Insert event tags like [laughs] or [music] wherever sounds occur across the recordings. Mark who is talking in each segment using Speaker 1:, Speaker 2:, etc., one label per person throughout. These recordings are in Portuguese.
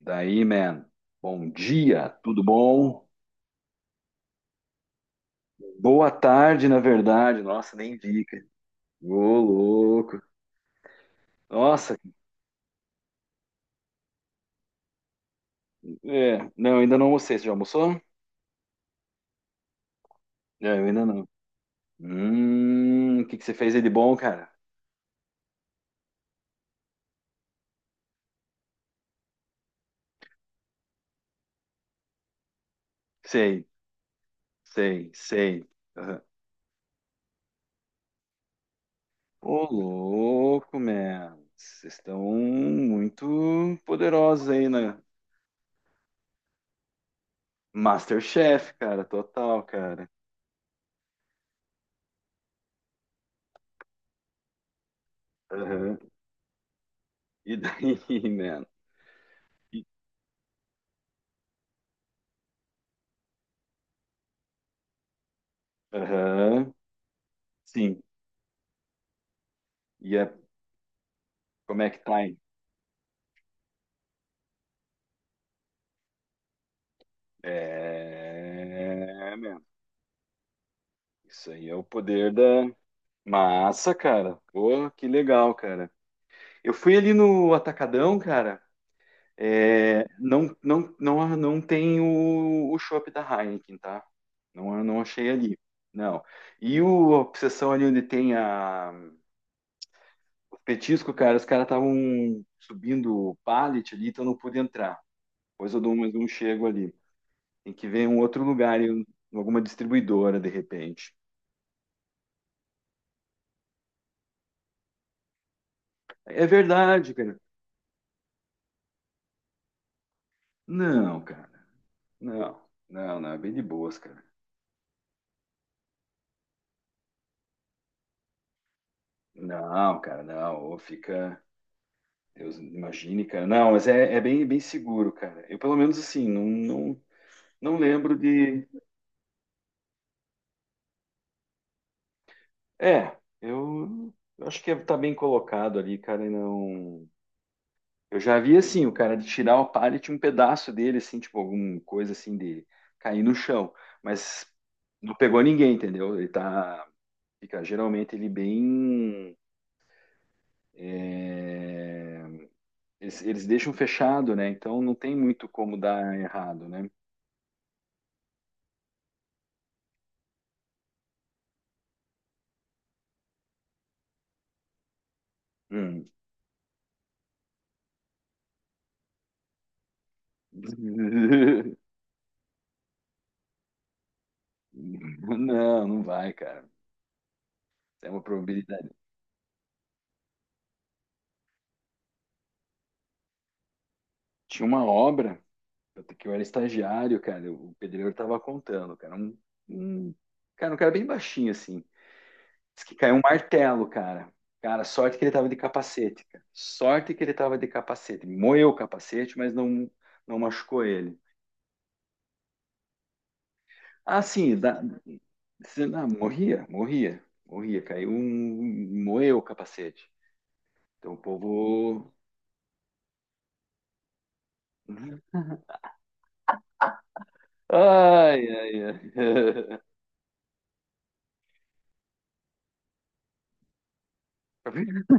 Speaker 1: Daí, man. Bom dia, tudo bom? Boa tarde, na verdade. Nossa, nem vi, cara. Ô, louco. Nossa, é. Não, ainda não almocei. Você já almoçou? Não, eu ainda não. O que que você fez aí de bom, cara? Sei, sei, sei. Aham. Ô, louco, man. Vocês estão muito poderosos aí na MasterChef, cara. Total, cara. Aham. E daí, [laughs] man? E- Aham. Sim. E é Como é que tá aí? É, meu, isso aí é o poder da massa, cara. Pô, que legal, cara. Eu fui ali no Atacadão, cara. É, não, não, não, não tem o chopp da Heineken, tá? Não, não achei ali. Não. E o a obsessão ali onde tem o petisco, cara, os caras estavam subindo o pallet ali, então não pude entrar. Pois eu dou mais um chego ali. Tem que ver um outro lugar, em alguma distribuidora, de repente. É verdade, cara. Não, cara. Não. Não, não. É bem de boas, cara. Não, cara, não. Ou fica. Deus, imagine, cara. Não, mas é bem, bem seguro, cara. Eu, pelo menos, assim, não, não, não lembro de. É, eu acho que tá bem colocado ali, cara, e não. Eu já vi, assim, o cara de tirar o pallet, um pedaço dele, assim, tipo, alguma coisa, assim, de cair no chão. Mas não pegou ninguém, entendeu? Ele tá. Fica geralmente ele bem. É, eles deixam fechado, né? Então não tem muito como dar errado, né? Hum. [laughs] Não, não vai, cara. É uma probabilidade. Tinha uma obra que eu era estagiário, cara. O pedreiro tava contando, cara. Um- Cara, um cara bem baixinho, assim. Diz que caiu um martelo, cara. Cara, sorte que ele tava de capacete, cara. Sorte que ele tava de capacete. Moeu o capacete, mas não, não machucou ele. Ah, sim, dá. Você, não, morria, morria, morria. Caiu um. Moeu o capacete. Então o povo. Ai, ai, ai. [laughs]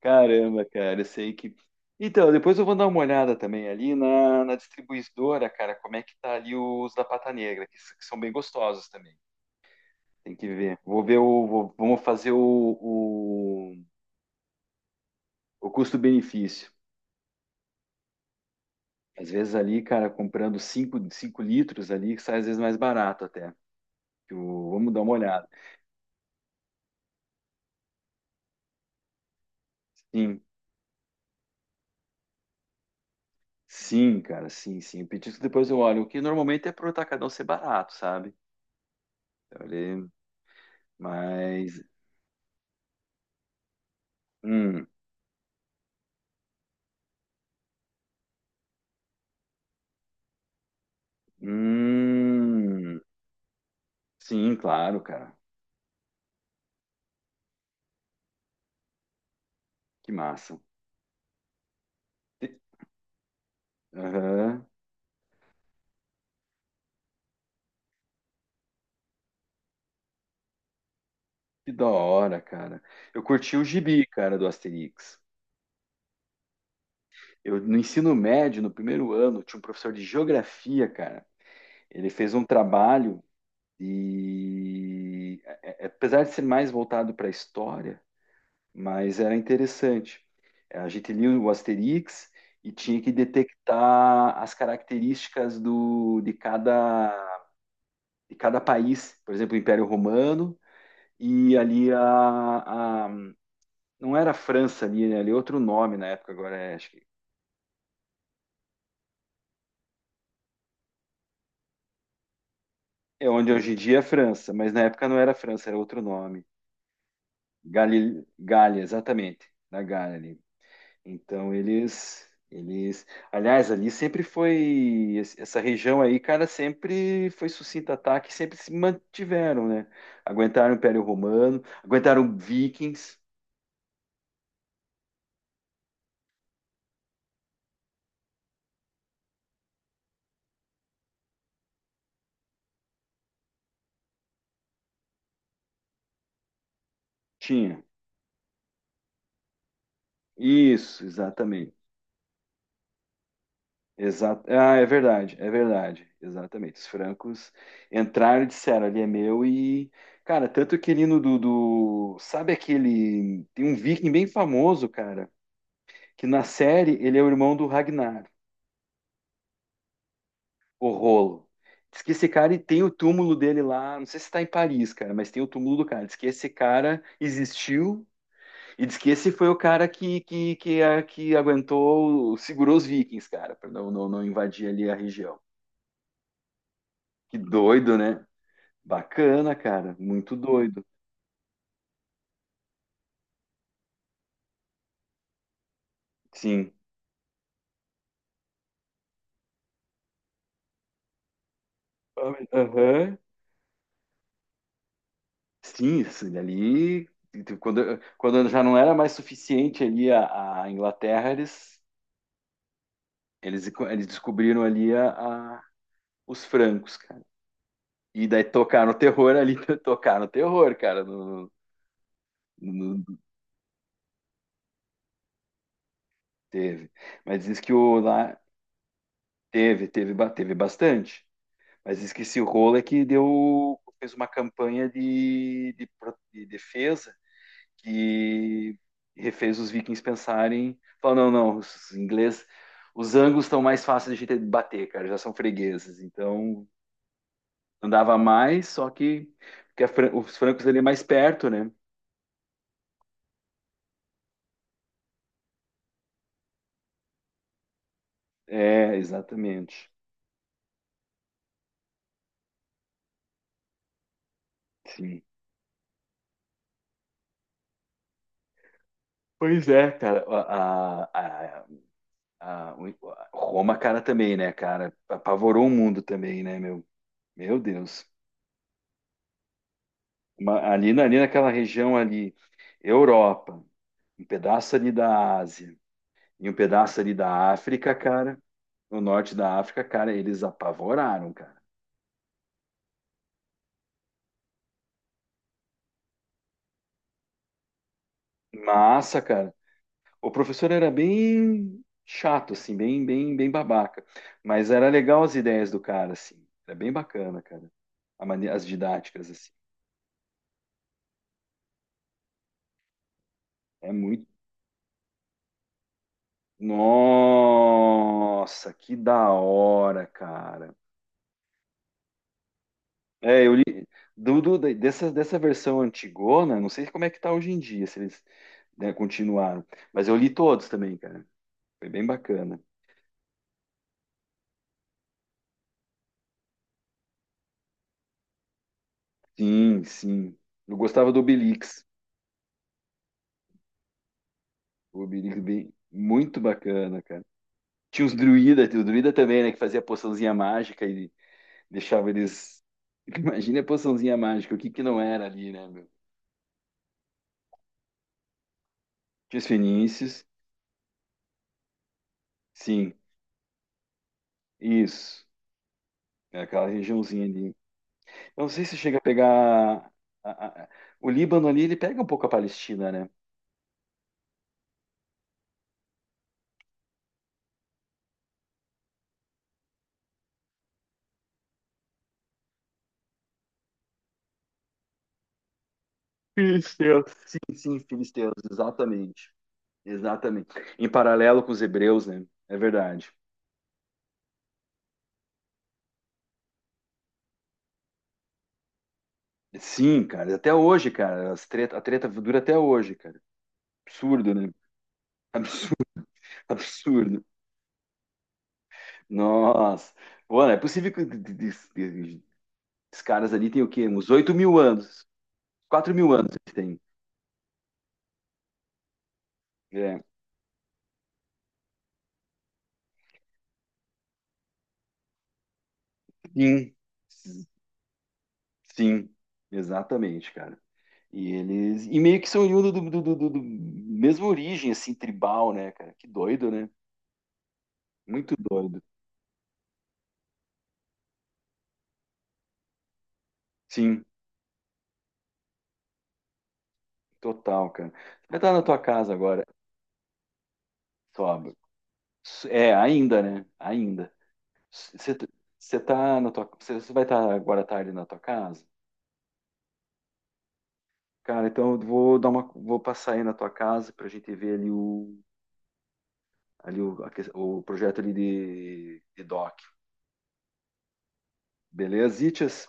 Speaker 1: Caramba, cara, eu sei que. Então, depois eu vou dar uma olhada também ali na distribuidora, cara, como é que tá ali os da Pata Negra, que são bem gostosos também. Tem que ver. Vou ver o. vou- Vamos fazer o custo-benefício. Às vezes ali, cara, comprando cinco litros ali, que sai às vezes mais barato até. Vamos dar uma olhada. Sim, sim, cara, sim, sim. O petisco depois eu olho, o que normalmente é pro atacadão ser barato, sabe? Então, ele... Mas. Hum, hum, sim, claro, cara. Que massa. Que- Aham, que da hora, cara. Eu curti o gibi, cara, do Asterix. Eu, no ensino médio, no primeiro ano, tinha um professor de geografia, cara. Ele fez um trabalho e, é, apesar de ser mais voltado para a história, mas era interessante. A gente lia o Asterix e tinha que detectar as características de cada país. Por exemplo, o Império Romano e ali não era a França ali, né? Ali é outro nome na época, agora é, acho que é onde hoje em dia é França, mas na época não era França, era outro nome. Galha, Galha, exatamente, na Galha ali. Então eles, aliás, ali sempre foi essa região aí, cara, sempre foi sucinto ataque, sempre se mantiveram, né? Aguentaram o Império Romano, aguentaram Vikings, tinha. Isso, exatamente. Exato. Ah, é verdade, é verdade. Exatamente. Os francos entraram e disseram, ali é meu e, cara, tanto que ali no do, do- sabe aquele, tem um viking bem famoso, cara, que na série ele é o irmão do Ragnar. O rolo. Diz que esse cara e tem o túmulo dele lá, não sei se tá em Paris, cara, mas tem o túmulo do cara. Diz que esse cara existiu e diz que esse foi o cara que aguentou, segurou os vikings, cara, pra não, não, não invadir ali a região. Que doido, né? Bacana, cara, muito doido. Sim. Aham. Sim, isso ali. Quando já não era mais suficiente ali a Inglaterra, eles descobriram ali a- os francos, cara. E daí tocar no terror ali, [laughs] tocar no terror, cara, no- no- teve. Mas diz que o lá teve bastante. Mas diz que esse rolo é que deu, fez uma campanha de defesa que refez os vikings pensarem, falou, não, não, os ingleses, os anglos estão mais fáceis de a gente bater, cara, já são fregueses. Então andava mais, só que porque os francos ali é mais perto, né? É, exatamente. Sim. Pois é, cara. A Roma, cara, também, né, cara? Apavorou o mundo também, né, meu? Meu Deus. Ali, ali naquela região ali, Europa, um pedaço ali da Ásia e um pedaço ali da África, cara, no norte da África, cara, eles apavoraram, cara. Massa, cara. O professor era bem chato, assim, bem, bem, bem babaca. Mas era legal as ideias do cara, assim. Era bem bacana, cara. As didáticas, assim. É muito Nossa, que da hora, cara. É, eu li dessa versão antigona, não sei como é que tá hoje em dia, se eles, né, continuaram. Mas eu li todos também, cara. Foi bem bacana. Sim, sim. Eu gostava do Obelix. O Obelix bem, muito bacana, cara. Tinha os druida, o druida também, né, que fazia poçãozinha mágica e deixava eles. [laughs] Imagina a poçãozinha mágica, o que que não era ali, né, meu? Tinha os fenícios, sim, isso. É aquela regiãozinha ali. Eu não sei se chega a pegar. a- a- a- o Líbano ali, ele pega um pouco a Palestina, né? Filisteus. Sim, sim, filisteus, exatamente. Exatamente. Em paralelo com os hebreus, né? É verdade. Sim, cara, até hoje, cara. A treta dura até hoje, cara. Absurdo, né? Absurdo, [laughs] absurdo. Nossa. Pô, não é possível que esses caras ali têm o quê? Uns 8.000 anos. 4.000 anos eles têm. É. Sim. Sim, exatamente, cara. E eles. E meio que são oriundos mesma origem, assim, tribal, né, cara? Que doido, né? Muito doido. Sim, total, cara. Você vai estar na tua casa agora, Sob. É, ainda, né? Ainda. Você você tá na tua. Você vai estar agora à tarde na tua casa? Cara, então eu vou dar uma. Vou passar aí na tua casa pra gente ver ali o. Ali o, o projeto ali de doc. Beleza, Itias?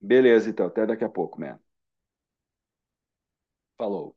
Speaker 1: Beleza, então. Até daqui a pouco, man. Falou.